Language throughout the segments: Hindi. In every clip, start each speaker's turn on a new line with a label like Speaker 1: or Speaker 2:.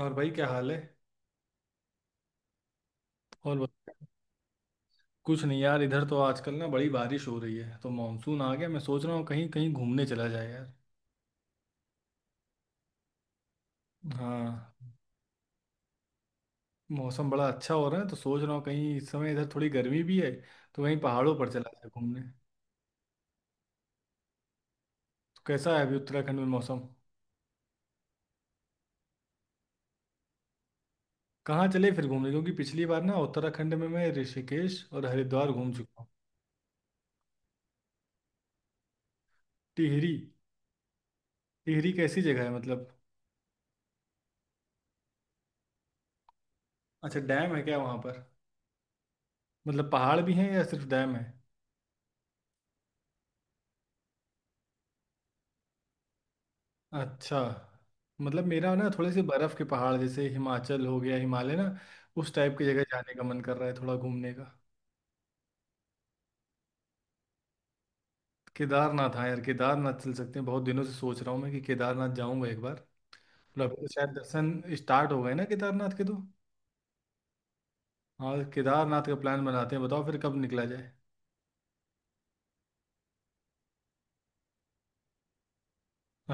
Speaker 1: और भाई क्या हाल है। और बता- कुछ नहीं यार, इधर तो आजकल ना बड़ी बारिश हो रही है तो मानसून आ गया। मैं सोच रहा हूँ कहीं कहीं घूमने चला जाए यार। हाँ, मौसम बड़ा अच्छा हो रहा है तो सोच रहा हूँ कहीं, इस समय इधर थोड़ी गर्मी भी है तो कहीं पहाड़ों पर चला जाए घूमने तो। कैसा है अभी उत्तराखंड में मौसम। कहाँ चले फिर घूमने, क्योंकि पिछली बार ना उत्तराखंड में मैं ऋषिकेश और हरिद्वार घूम चुका हूँ। टिहरी। टिहरी कैसी जगह है मतलब। अच्छा, डैम है क्या वहाँ पर। मतलब पहाड़ भी हैं या सिर्फ डैम है। अच्छा। मतलब मेरा ना थोड़े से बर्फ के पहाड़, जैसे हिमाचल हो गया, हिमालय ना, उस टाइप की जगह जाने का मन कर रहा है, थोड़ा घूमने का। केदारनाथ, हाँ यार केदारनाथ चल सकते हैं। बहुत दिनों से सोच रहा हूँ मैं कि केदारनाथ जाऊंगा एक बार। और अभी तो शायद दर्शन स्टार्ट हो गए ना केदारनाथ के, तो हाँ, केदारनाथ का प्लान बनाते हैं। बताओ फिर कब निकला जाए।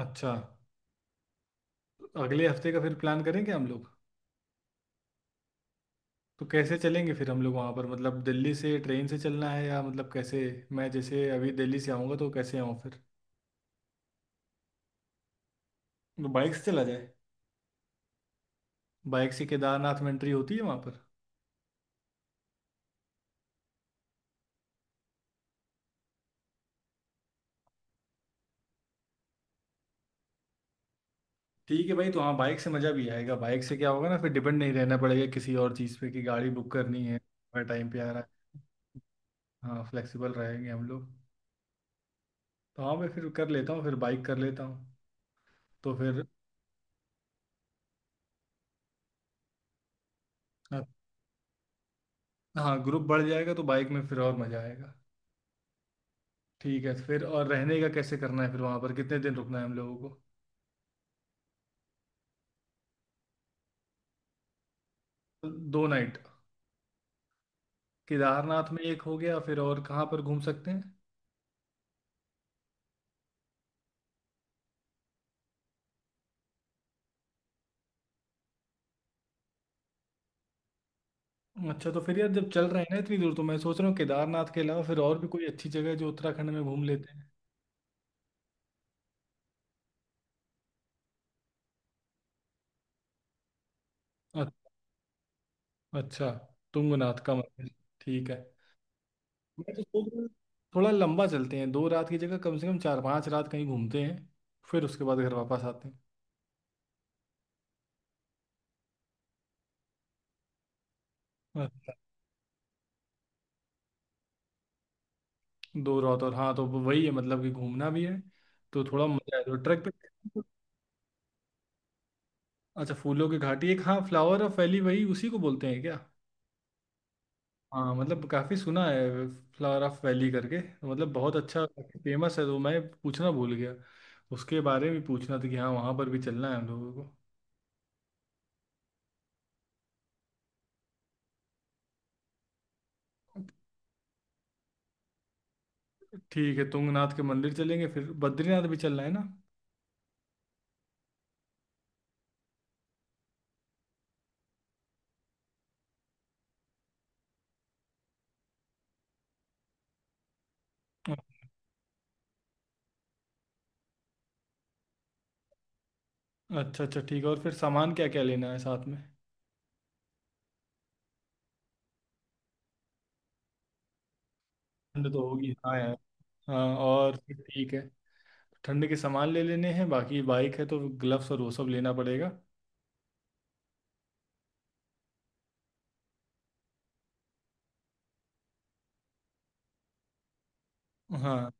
Speaker 1: अच्छा। अगले हफ्ते का फिर प्लान करेंगे हम लोग। तो कैसे चलेंगे फिर हम लोग वहाँ पर, मतलब दिल्ली से ट्रेन से चलना है या मतलब कैसे। मैं जैसे अभी दिल्ली से आऊँगा तो कैसे आऊँ फिर। तो बाइक से चला जाए। बाइक से केदारनाथ में एंट्री होती है वहां पर। ठीक है भाई, तो हाँ, बाइक से मज़ा भी आएगा। बाइक से क्या होगा ना, फिर डिपेंड नहीं रहना पड़ेगा किसी और चीज़ पे कि गाड़ी बुक करनी है हर टाइम पे आ रहा है। हाँ, फ्लेक्सिबल रहेंगे हम लोग। तो हाँ, मैं फिर कर लेता हूँ, फिर बाइक कर लेता हूँ तो फिर। हाँ, ग्रुप बढ़ जाएगा तो बाइक में फिर और मज़ा आएगा। ठीक है। फिर और रहने का कैसे करना है, फिर वहाँ पर कितने दिन रुकना है हम लोगों को। 2 नाइट। केदारनाथ में एक हो गया, फिर और कहाँ पर घूम सकते हैं। अच्छा, तो फिर यार जब चल रहे हैं ना इतनी दूर, तो मैं सोच रहा हूँ केदारनाथ के अलावा फिर और भी कोई अच्छी जगह है जो उत्तराखंड में घूम लेते हैं। अ- अच्छा। तुंगनाथ का मंदिर। ठीक है। मैं तो सोच रहा हूँ थोड़ा लंबा चलते हैं, 2 रात की जगह कम से कम 4-5 रात कहीं घूमते हैं, फिर उसके बाद घर वापस आते हैं। अच्छा। 2 रात, और हाँ तो वही है, मतलब कि घूमना भी है तो थोड़ा मजा है तो ट्रैक पे। अच्छा, फूलों की घाटी, एक हाँ, फ्लावर ऑफ वैली, वही, उसी को बोलते हैं क्या। हाँ, मतलब काफ़ी सुना है, फ्लावर ऑफ वैली करके, तो मतलब बहुत अच्छा फेमस है, तो मैं पूछना भूल गया। उसके बारे में पूछना था कि हाँ, वहाँ पर भी चलना है हम लोगों को। ठीक है, तुंगनाथ के मंदिर चलेंगे। फिर बद्रीनाथ भी चलना है ना। अच्छा अच्छा, ठीक है। और फिर सामान क्या क्या लेना है साथ में। ठंड तो होगी हाँ यार। हाँ, और फिर ठीक है, ठंड के सामान ले लेने हैं। बाकी बाइक है तो ग्लव्स और वो सब लेना पड़ेगा। हाँ।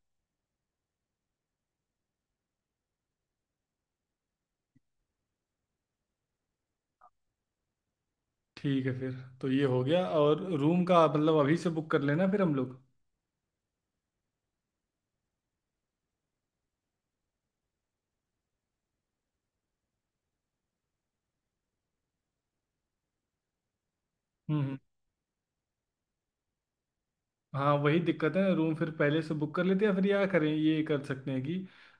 Speaker 1: ठीक है फिर। तो ये हो गया। और रूम का मतलब अभी से बुक कर लेना फिर हम लोग। हम्म। हाँ वही दिक्कत है ना, रूम फिर पहले से बुक कर लेते हैं फिर, या करें, ये कर सकते हैं कि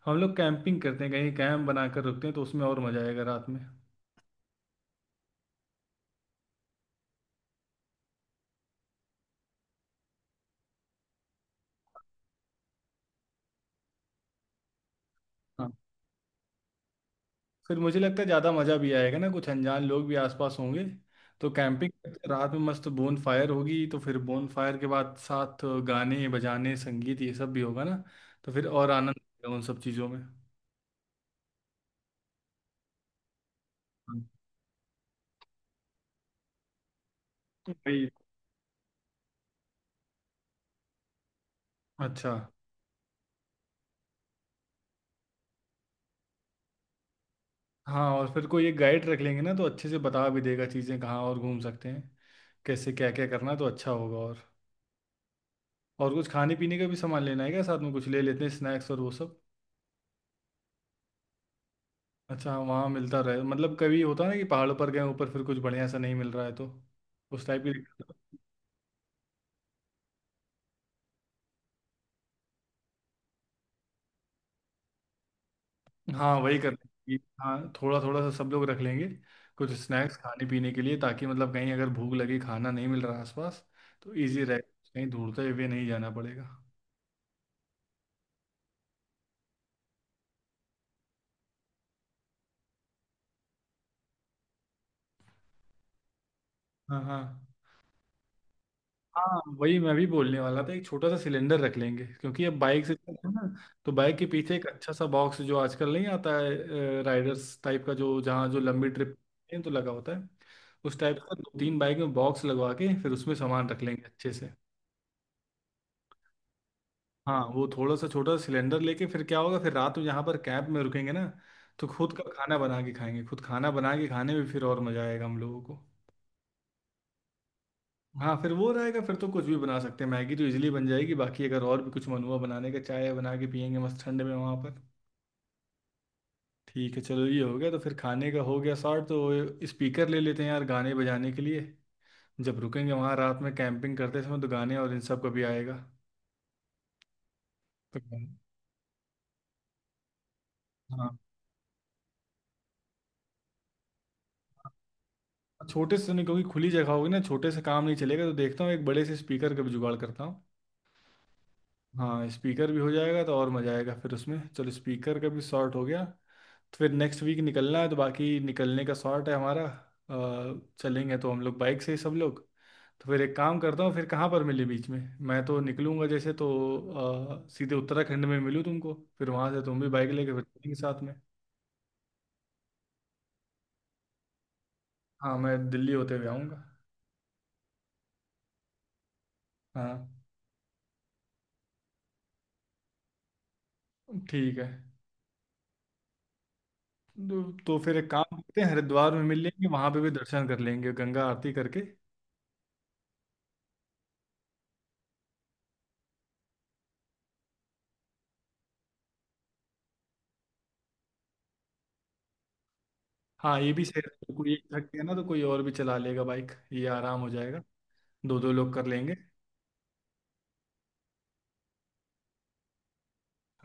Speaker 1: हम लोग कैंपिंग करते हैं, कहीं कैंप बनाकर रुकते हैं तो उसमें और मज़ा आएगा रात में। हाँ, फिर मुझे लगता है ज़्यादा मज़ा भी आएगा ना, कुछ अनजान लोग भी आसपास होंगे तो कैंपिंग करते हैं। रात में मस्त बोन फायर होगी तो फिर बोन फायर के बाद साथ गाने बजाने संगीत ये सब भी होगा ना, तो फिर और आनंद आएगा उन सब चीज़ों में। हाँ। वही। अच्छा। हाँ और फिर कोई एक गाइड रख लेंगे ना, तो अच्छे से बता भी देगा चीज़ें कहाँ और घूम सकते हैं, कैसे क्या क्या करना, तो अच्छा होगा। और कुछ खाने पीने का भी सामान लेना है क्या साथ में, कुछ ले लेते हैं स्नैक्स और वो सब। अच्छा हाँ, वहाँ मिलता रहे, मतलब कभी होता ना कि पहाड़ों पर गए ऊपर फिर कुछ बढ़िया सा नहीं मिल रहा है, तो उस टाइप की दिक्कत- हाँ वही कर लेंगे। हाँ, थोड़ा थोड़ा सा सब लोग रख लेंगे कुछ स्नैक्स खाने पीने के लिए, ताकि मतलब कहीं अगर भूख लगी, खाना नहीं मिल रहा आसपास, तो ईजी रहे, कहीं ढूंढते हुए नहीं जाना पड़ेगा। हाँ हाँ, हाँ वही मैं भी बोलने वाला था, एक छोटा सा सिलेंडर रख लेंगे, क्योंकि अब बाइक से चलते हैं ना, तो बाइक के पीछे एक अच्छा सा बॉक्स, जो आजकल नहीं आता है राइडर्स टाइप का, जो जहाँ जो लंबी ट्रिप तो लगा होता है, उस टाइप का 2-3 बाइक में बॉक्स लगवा के फिर उसमें सामान रख लेंगे अच्छे से। हाँ, वो थोड़ा सा छोटा सा सिलेंडर लेके फिर क्या होगा, फिर रात में यहाँ पर कैंप में रुकेंगे ना, तो खुद का खाना बना के खाएंगे। खुद खाना बना के खाने में फिर और मजा आएगा हम लोगों को। हाँ, फिर वो रहेगा, फिर तो कुछ भी बना सकते हैं। मैगी तो इजीली बन जाएगी, बाकी अगर और भी कुछ मन हुआ बनाने का, चाय बना के पियेंगे मस्त ठंड में वहाँ पर। ठीक है चलो, ये हो गया। तो फिर खाने का हो गया सॉर्ट। तो स्पीकर ले लेते हैं यार गाने बजाने के लिए, जब रुकेंगे वहाँ रात में कैंपिंग करते समय, तो गाने और इन सब का भी आएगा तो। हाँ। छोटे से नहीं, क्योंकि खुली जगह होगी ना, छोटे से काम नहीं चलेगा, तो देखता हूँ एक बड़े से स्पीकर का भी जुगाड़ करता हूँ। हाँ, स्पीकर भी हो जाएगा तो और मज़ा आएगा फिर उसमें। चलो, स्पीकर का भी सॉर्ट हो गया, तो फिर नेक्स्ट वीक निकलना है, तो बाकी निकलने का शॉर्ट है हमारा। चलेंगे तो हम लोग बाइक से ही सब लोग। तो फिर एक काम करता हूँ, फिर कहाँ पर मिले बीच में। मैं तो निकलूंगा जैसे तो सीधे उत्तराखंड में मिलूँ तुमको, फिर वहाँ से तुम भी बाइक लेके फिर चलेंगे साथ में। हाँ, मैं दिल्ली होते हुए आऊँगा। हाँ। ठीक है। तो फिर एक काम करते हैं, हरिद्वार में मिल लेंगे, वहाँ पे भी दर्शन कर लेंगे गंगा आरती करके। हाँ ये भी सही रहेगा, कोई एक थक गया ना तो कोई और भी चला लेगा बाइक, ये आराम हो जाएगा। 2-2 लोग कर लेंगे।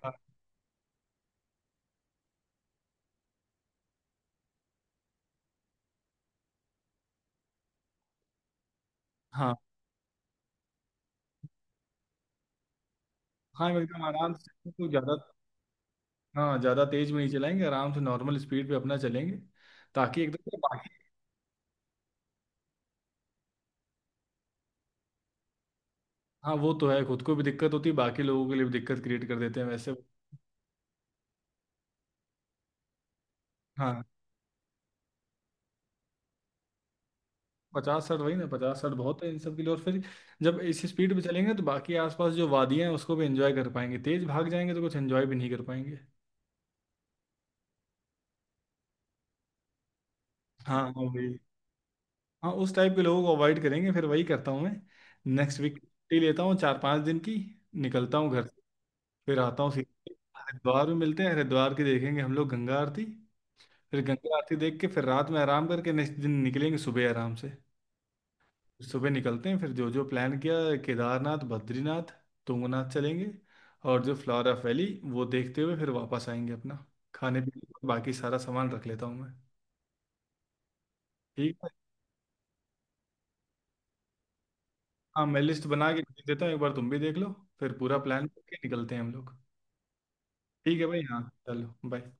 Speaker 1: हाँ हाँ। हाँ एकदम आराम से, तो ज्यादा हाँ ज्यादा तेज भी नहीं चलाएंगे, आराम से नॉर्मल स्पीड पे अपना चलेंगे, ताकि एकदम से बाकी हाँ। वो तो है, खुद को भी दिक्कत होती है, बाकी लोगों के लिए भी दिक्कत क्रिएट कर देते हैं वैसे। हाँ, 50-60 वही ना, 50-60 बहुत है इन सब के लिए, और फिर जब इस स्पीड पे चलेंगे तो बाकी आसपास जो वादियां हैं उसको भी एंजॉय कर पाएंगे, तेज भाग जाएंगे तो कुछ एंजॉय भी नहीं कर पाएंगे। हाँ हाँ वही। हाँ, उस टाइप के लोगों को अवॉइड करेंगे, फिर वही करता हूँ मैं। नेक्स्ट वीक छुट्टी लेता हूँ 4-5 दिन की, निकलता हूँ घर। फिर आता हूँ सीधे, हरिद्वार में मिलते हैं, हरिद्वार की देखेंगे हम लोग गंगा आरती। फिर गंगा आरती देख के, फिर रात में आराम करके नेक्स्ट दिन निकलेंगे सुबह आराम से। सुबह निकलते हैं, फिर जो जो प्लान किया, केदारनाथ, बद्रीनाथ, तुंगनाथ चलेंगे, और जो फ्लोरा वैली, वो देखते हुए फिर वापस आएंगे अपना। खाने पीने का बाकी सारा सामान रख लेता हूँ मैं। ठीक है। हाँ, मैं लिस्ट बना के भेज देता हूँ, एक बार तुम भी देख लो। फिर पूरा प्लान करके निकलते हैं हम लोग। ठीक है भाई, हाँ चलो बाय।